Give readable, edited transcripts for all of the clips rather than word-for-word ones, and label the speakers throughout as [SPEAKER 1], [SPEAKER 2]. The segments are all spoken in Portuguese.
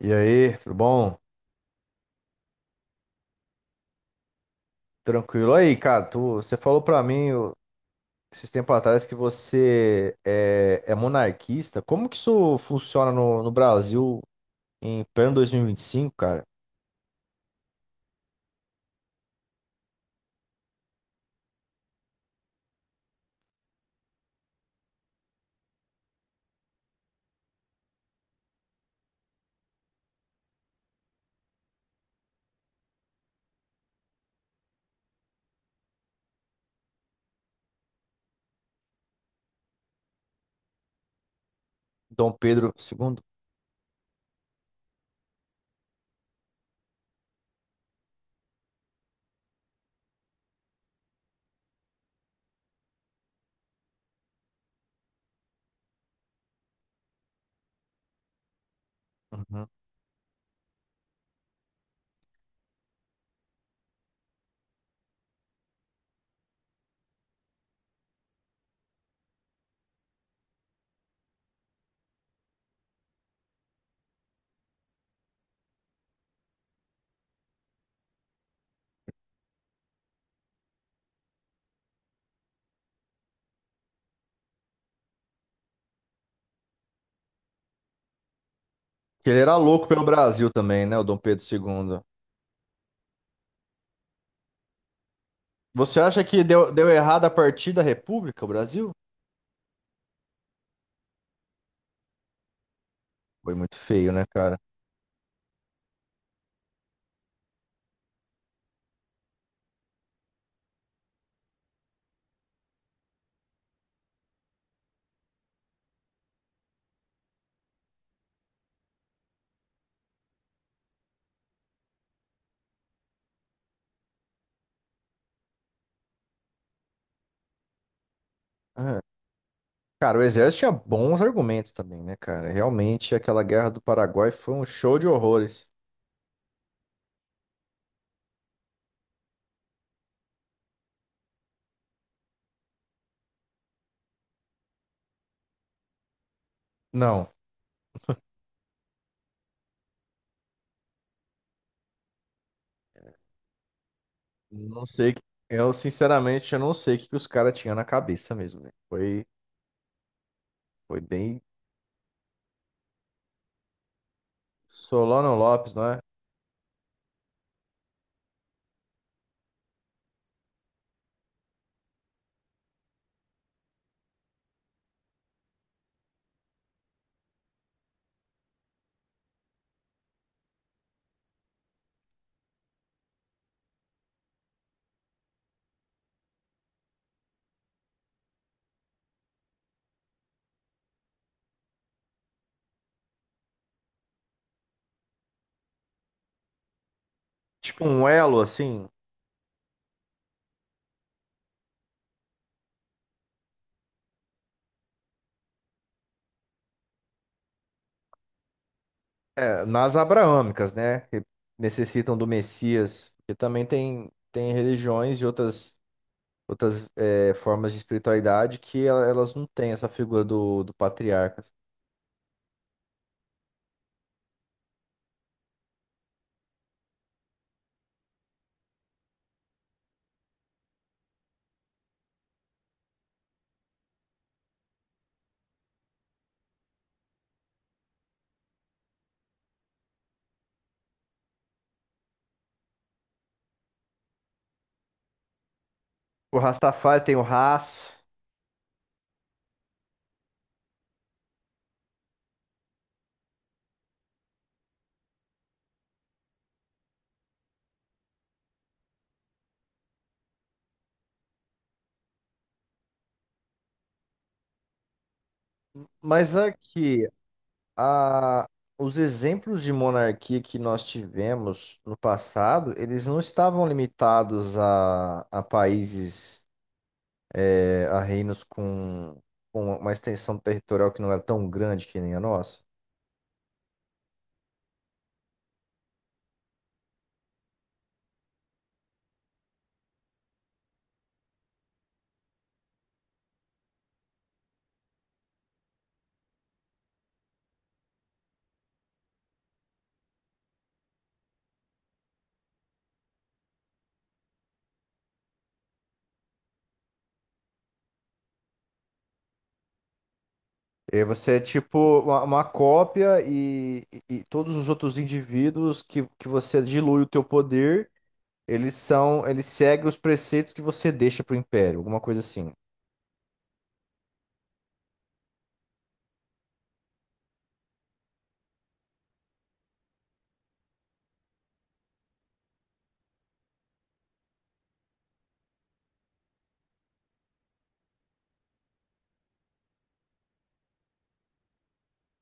[SPEAKER 1] E aí, tudo bom? Tranquilo. Aí, cara, você falou pra mim esses tempos atrás que você é monarquista. Como que isso funciona no Brasil em pleno 2025, cara? Dom Pedro II. Uhum. Ele era louco pelo Brasil também, né? O Dom Pedro II. Você acha que deu errado a partir da República, o Brasil? Foi muito feio, né, cara? É. Cara, o exército tinha bons argumentos também, né, cara? Realmente, aquela guerra do Paraguai foi um show de horrores. Não. Não sei. Eu, sinceramente, eu não sei que os caras tinham na cabeça mesmo, velho. Foi bem. Solano Lopes, não é? Tipo um elo, assim, é, nas abraâmicas, né? Que necessitam do Messias. Porque também tem religiões e outras formas de espiritualidade que elas não têm essa figura do patriarca. O Rastafari tem o Ras, mas aqui a- os exemplos de monarquia que nós tivemos no passado, eles não estavam limitados a países, a reinos com uma extensão territorial que não era tão grande que nem a nossa. E aí você é tipo uma cópia e todos os outros indivíduos que você dilui o teu poder, eles seguem os preceitos que você deixa para o império, alguma coisa assim.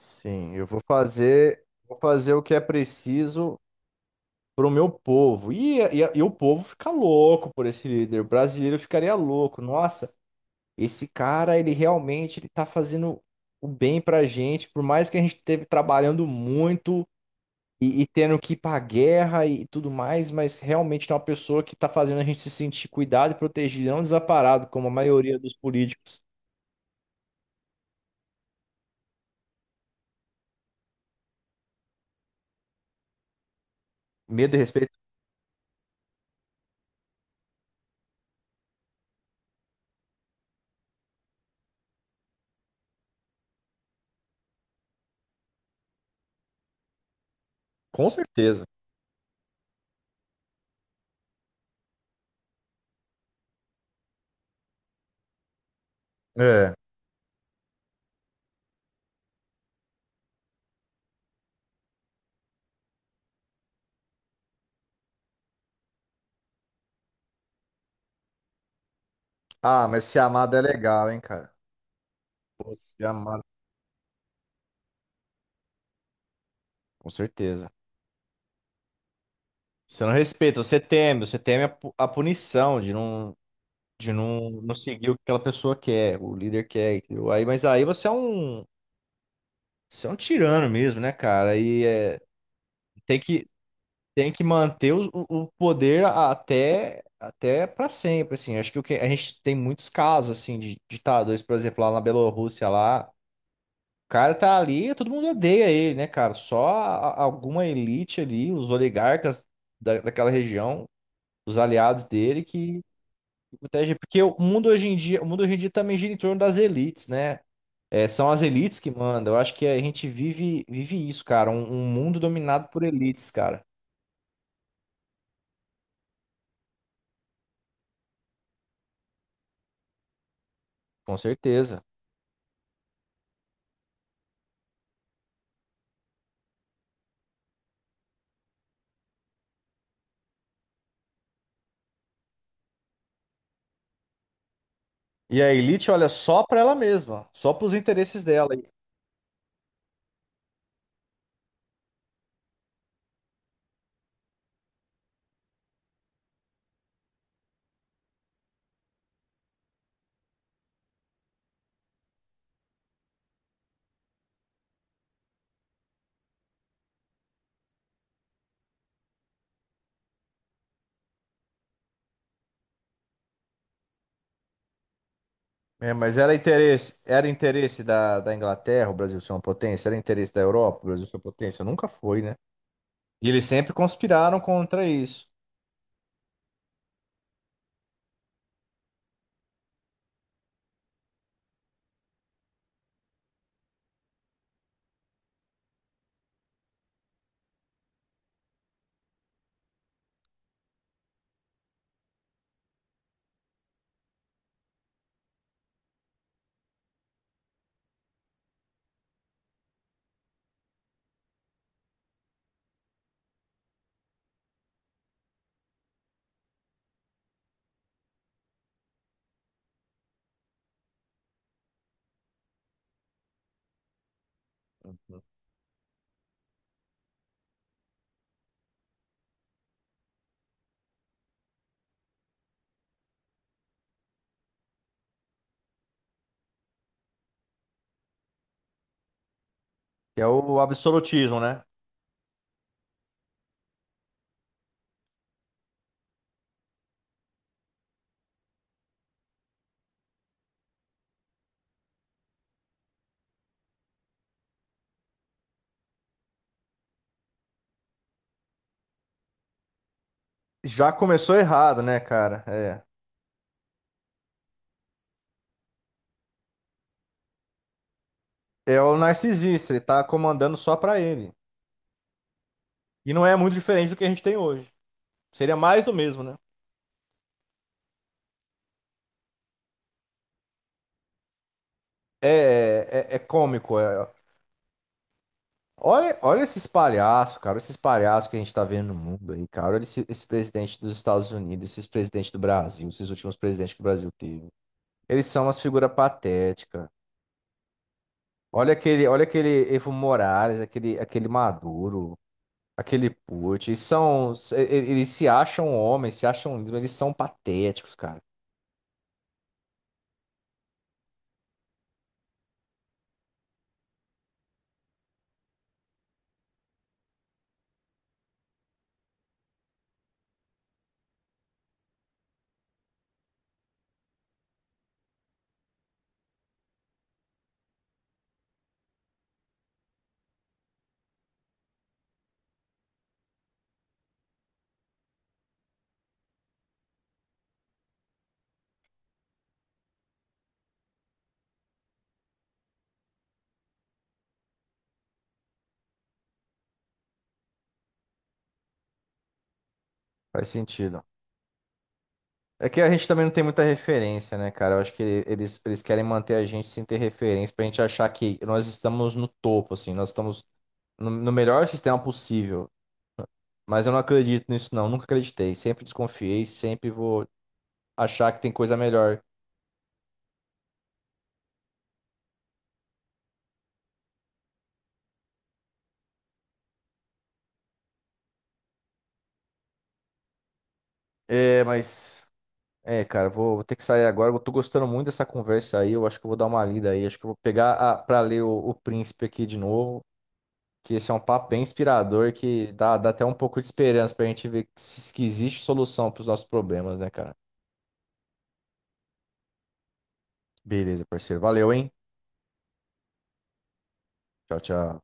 [SPEAKER 1] Sim, vou fazer o que é preciso pro meu povo. E o povo fica louco por esse líder. O brasileiro ficaria louco. Nossa, esse cara, ele tá fazendo o bem pra gente, por mais que a gente esteve trabalhando muito e tendo que ir pra guerra e tudo mais, mas realmente é uma pessoa que tá fazendo a gente se sentir cuidado e protegido, não desamparado, como a maioria dos políticos. Medo e respeito, com certeza. É. Ah, mas ser amado é legal, hein, cara? Pô, ser amado. Com certeza. Você não respeita, você teme a punição de de não, não seguir o que aquela pessoa quer, o líder quer, entendeu? Aí, mas aí você é você é um tirano mesmo, né, cara? E é, tem que, tem que manter o poder até, até para sempre, assim. Acho que o que a gente tem muitos casos, assim, de ditadores, por exemplo, lá na Bielorrússia, lá, o cara tá ali, todo mundo odeia ele, né, cara? Só alguma elite ali, os oligarcas daquela região, os aliados dele que o TG, porque o mundo hoje em dia, o mundo hoje em dia também gira em torno das elites, né? É, são as elites que mandam. Eu acho que a gente vive isso, cara. Um mundo dominado por elites, cara. Com certeza. E a elite olha só para ela mesma, só para os interesses dela. É, mas era interesse da Inglaterra, o Brasil ser uma potência, era interesse da Europa, o Brasil ser uma potência. Nunca foi, né? E eles sempre conspiraram contra isso, que é o absolutismo, né? Já começou errado, né, cara? É. É o narcisista, ele tá comandando só pra ele. E não é muito diferente do que a gente tem hoje. Seria mais do mesmo, né? É cômico. é. Olha, olha esses palhaços, cara. Esses palhaços que a gente tá vendo no mundo aí, cara. Olha esse presidente dos Estados Unidos, esses presidentes do Brasil, esses últimos presidentes que o Brasil teve. Eles são umas figuras patéticas. Olha aquele Evo Morales, aquele Maduro, aquele Putin. Eles se acham homens, se acham lindos, mas eles são patéticos, cara. Faz sentido. É que a gente também não tem muita referência, né, cara? Eu acho que eles querem manter a gente sem ter referência, pra gente achar que nós estamos no topo, assim, nós estamos no melhor sistema possível. Mas eu não acredito nisso, não. Nunca acreditei. Sempre desconfiei, sempre vou achar que tem coisa melhor. É, mas. É, cara, vou ter que sair agora. Eu tô gostando muito dessa conversa aí. Eu acho que eu vou dar uma lida aí. Acho que eu vou pegar a, pra ler o Príncipe aqui de novo. Que esse é um papo bem inspirador que dá até um pouco de esperança pra gente ver que se- que existe solução para os nossos problemas, né, cara? Beleza, parceiro. Valeu, hein? Tchau, tchau.